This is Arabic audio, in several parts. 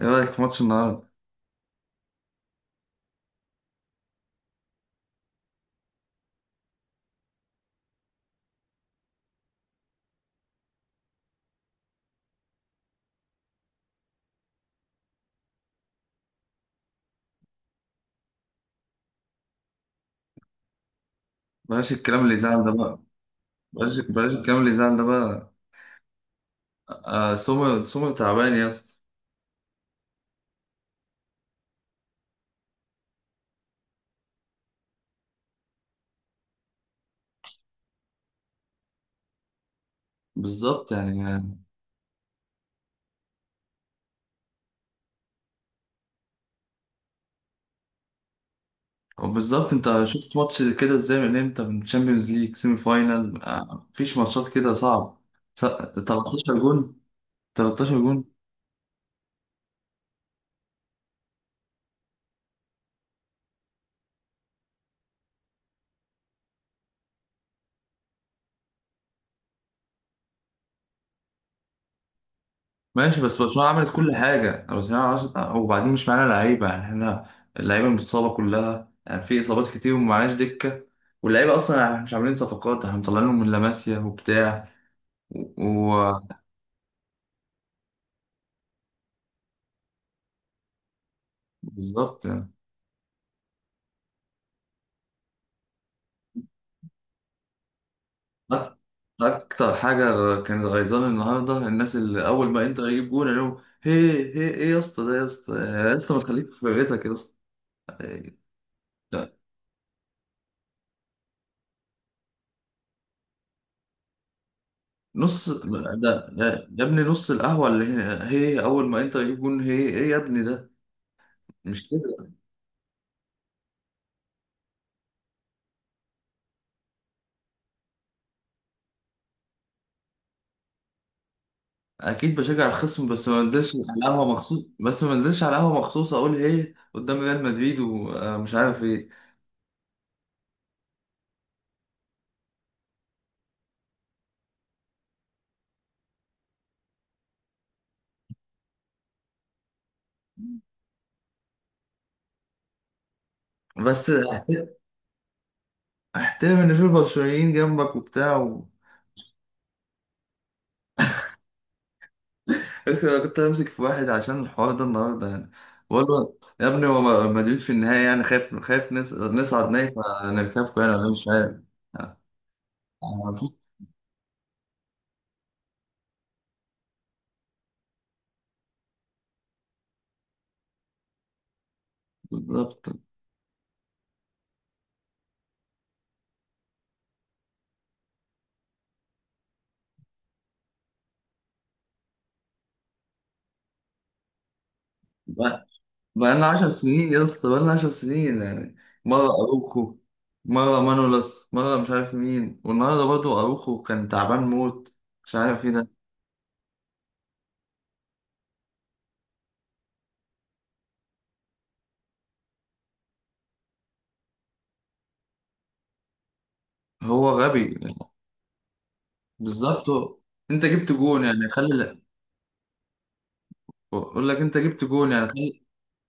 ايه رايك في ماتش النهارده؟ بلاش الكلام اللي يزعل ده بقى. بلاش الكلام اللي يزعل ده بقى. سومر سومر تعبان يا اسطى. بالظبط يعني. وبالظبط، انت شفت ماتش كده ازاي؟ من امتى؟ من تشامبيونز ليج سيمي فاينال، مفيش ماتشات كده صعب. 13 جون. 13 جون. ماشي، بس برشلونه عملت كل حاجه. وبعدين مش معانا لعيبه يعني، احنا اللعيبه متصابه كلها يعني، في اصابات كتير ومعناش دكه. واللعيبه اصلا يعني مش عاملين صفقات، احنا مطلعينهم من لاماسيا وبتاع. وبالظبط يعني. أك- اكتر حاجه كانت غيظاني النهارده الناس اللي اول ما انت يجيب جون يقولوا هي، هي ايه يا اسطى؟ ده يا اسطى، يا اسطى ما تخليك في فرقتك يا اسطى. ده نص ده ده- يا ابني، نص القهوه اللي هي اول ما انت يجيب جون، هي ايه يا ابني ده؟ مش كده. اكيد بشجع الخصم، بس ما انزلش على القهوه مخصوص، بس ما انزلش على القهوه مخصوص اقول هي قدام ريال مدريد ومش عارف ايه. بس احترم ان في برشلونيين جنبك وبتاع. انا كنت همسك في واحد عشان الحوار ده النهارده يعني، بقول له يا ابني هو مدريد في النهاية يعني، خايف خايف نصعد نهائي فنركبكم يعني، ولا مش عارف. عارفين. بالظبط. بقى لنا 10 سنين يا اسطى، بقى لنا 10 سنين يعني. مرة أروخو، مرة مانولاس، مرة مش عارف مين، والنهارده برضه أروخو كان تعبان موت. مش عارف ايه ده. هو غبي. بالظبط هو. انت جبت جون يعني، خلي اقول لك، انت جبت جون يعني،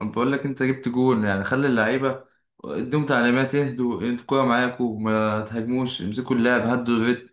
بقول لك انت جبت جول يعني، خلي اللعيبه اديهم تعليمات: اهدوا، انتوا الكوره معاكوا، ما تهاجموش، امسكوا اللعب، هدوا الريتم.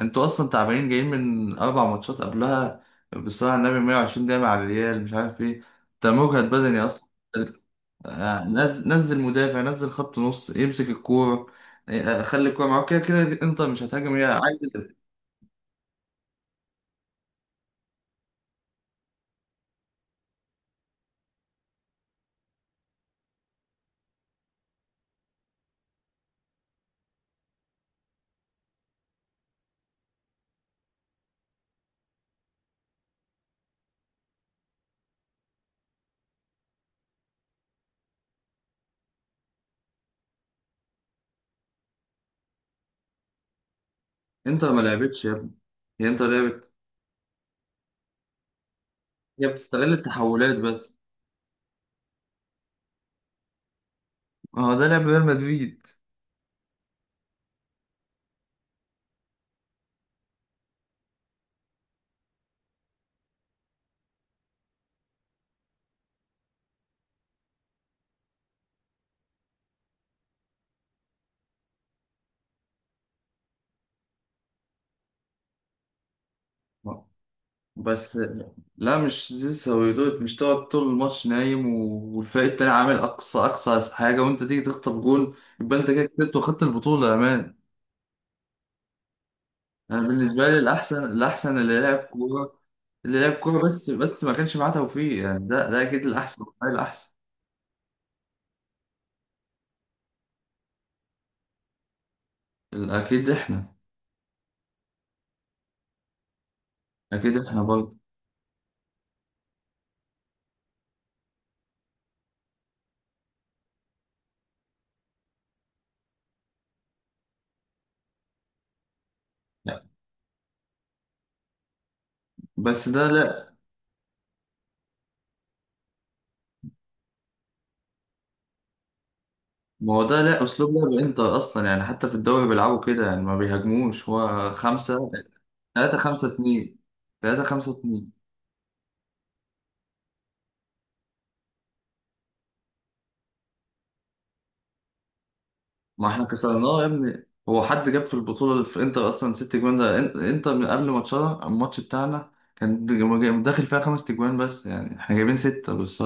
انتوا اصلا تعبانين جايين من 4 ماتشات قبلها. بالصلاه على النبي، 120 دقيقه مع الريال، مش عارف ايه. انت مجهد بدني اصلا. نزل مدافع، نزل خط نص يمسك الكوره. خلي الكوره معاك، كده كده انتر مش هتهاجم، هي عادي. انتر ما لعبتش يا ابني. هي انتر لعبت؟ هي بتستغل التحولات بس. ما هو ده لعب ريال مدريد. بس لا، مش زيزو سويدوت. مش تقعد طول الماتش نايم والفريق التاني عامل أقصى أقصى حاجة وأنت تيجي تخطف جول؟ يبقى أنت كده كسبت وخدت البطولة يا مان! أنا بالنسبة لي الأحسن، الأحسن اللي لعب كورة، اللي لعب كورة بس ما كانش معاه توفيق يعني. ده أكيد الأحسن. ده الأحسن. أكيد إحنا. أكيد إحنا برضه. لا. بس ده لا. ما هو ده لا أسلوب لعب إنتر أصلا يعني، حتى في الدوري بيلعبوا كده يعني، ما بيهاجموش. هو خمسة تلاتة خمسة اتنين، تلاتة خمسة اتنين. ما احنا كسرناه يا ابني. هو حد جاب في البطولة في انتر اصلا 6 جوان؟ ده انتر من قبل ماتشنا، الماتش بتاعنا كان داخل فيها 5 تجوان بس يعني، احنا جايبين ستة بس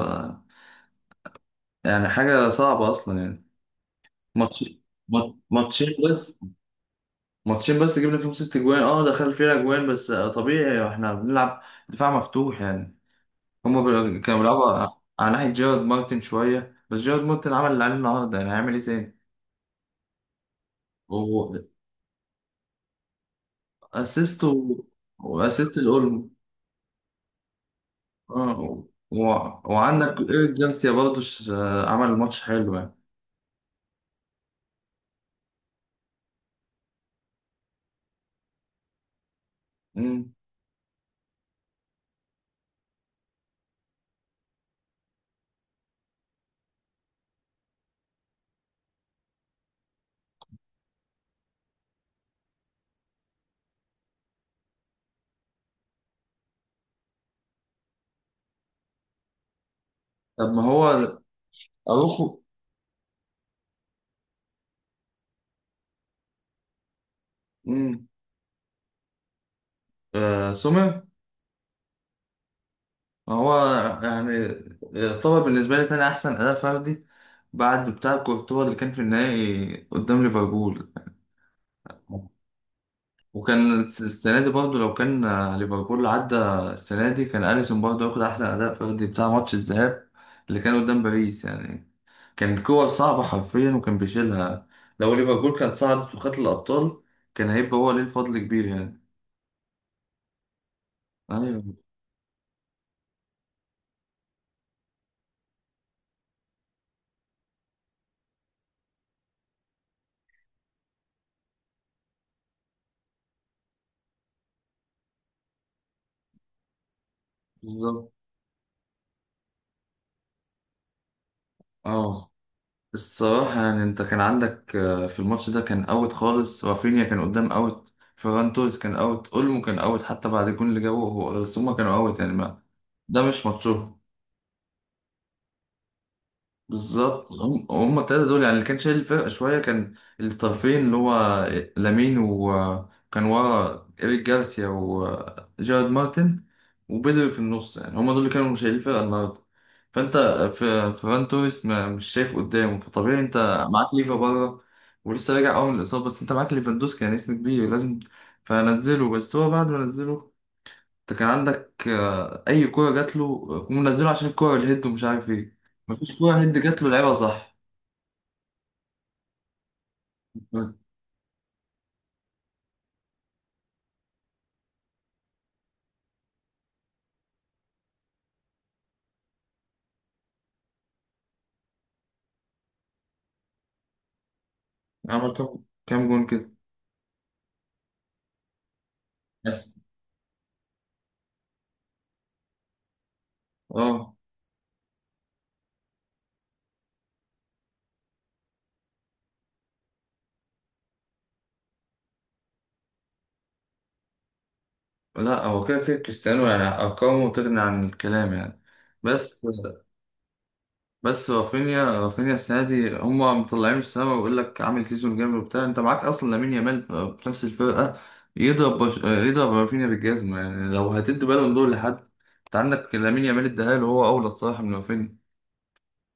يعني. حاجة صعبة اصلا يعني. ماتش ماتشين بس. ماتشين بس جبنا فيهم 6 جوان. اه، دخل فيها جوان بس. طبيعي احنا بنلعب دفاع مفتوح يعني. هما كانوا بيلعبوا على ناحية جيرارد مارتن شوية. بس جيرارد مارتن عمل اللي عليه النهاردة يعني. هيعمل ايه تاني؟ واسيست واسيست الأولمو. اه و... وعندك ايريك جارسيا برضه عمل ماتش حلو يعني. مم. طب ما هو. اروخو. مم. آه سومر. ما هو يعني يعتبر بالنسبه لي تاني احسن اداء فردي بعد بتاع كورتوا اللي كان في النهائي قدام ليفربول. وكان السنه دي برضه لو كان ليفربول عدى، السنه دي كان اليسون برضه ياخد احسن اداء فردي بتاع ماتش الذهاب اللي كان قدام باريس يعني. كان كور صعبة حرفيا وكان بيشيلها. لو ليفربول كانت صعدت وخدت الأبطال، كان هيبقى هو ليه الفضل كبير يعني. أيوه. بالظبط. أه. الصراحة يعني، أنت كان عندك في الماتش ده كان أوت خالص. رافينيا كان قدام أوت، فيران توريس كان أوت، أولمو كان أوت حتى بعد الجون اللي جابه هو، بس هما كانوا أوت يعني، ما ده مش ماتشهم. بالظبط. هم التلاتة دول يعني اللي كان شايل الفرقة شوية، كان الطرفين اللي هو لامين، وكان ورا إيريك جارسيا وجارد مارتن وبدري في النص. يعني هم دول اللي كانوا شايلين الفرقة النهاردة. فأنت، في فران توريس مش شايف قدامه، فطبيعي أنت معاك ليفا بره ولسه راجع أول من الإصابة، بس أنت معاك ليفاندوسكي يعني، اسم كبير لازم فنزله. بس هو بعد ما نزله، انت كان عندك اي كوره جات له، هم منزله عشان الكوره الهيد ومش عارف ايه. مفيش كوره هيد جات له لعيبه صح. عمل كام جون كده؟ بس اه. لا، هو كده كده كريستيانو يعني ارقامه تغني عن الكلام يعني. بس بس رافينيا السنه دي هم مطلعين السما ويقول لك عامل سيزون جامد وبتاع. انت معاك اصلا لامين يامال في نفس الفرقه. يضرب رافينيا بالجزمه يعني. لو هتدي بالون دور لحد، انت عندك لامين يامال، اداها له هو اولى الصراحه من رافينيا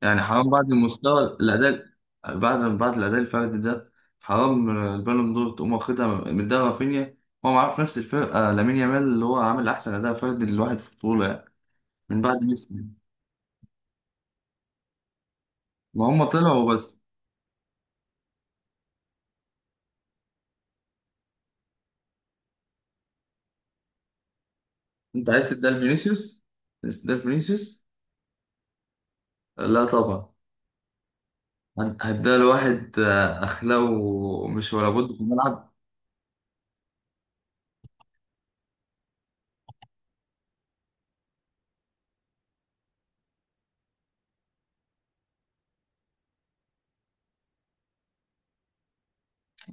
يعني. حرام بعد المستوى الأداء، بعد الأداء الفردي ده، حرام البالون دور تقوم واخدها من ده رافينيا. هو معاه في نفس الفرقة لامين يامال اللي هو عامل أحسن أداء فردي للواحد في البطولة يعني، من بعد ميسي. ما هم طلعوا بس. أنت عايز تديها لفينيسيوس؟ عايز تديها لفينيسيوس؟ لا طبعا. هتديها لواحد أخلاقه مش ولا بد في الملعب؟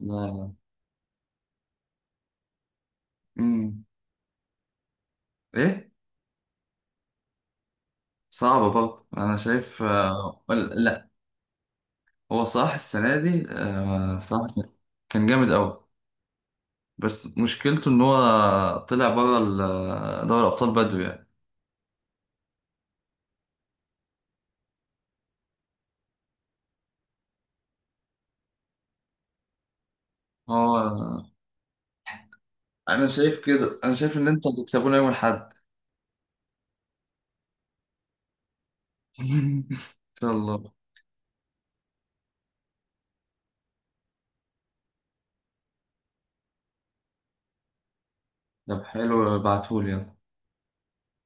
لا. مم. إيه؟ صعبة برضه أنا شايف. هو صلاح السنة دي صلاح كان جامد أوي. بس مشكلته إن هو طلع بره دوري الأبطال بدري يعني. هو أنا شايف كده. أنا شايف إن أنتوا هتكسبونا يوم الأحد. إن شاء الله. طب حلو، ابعتهولي يلا.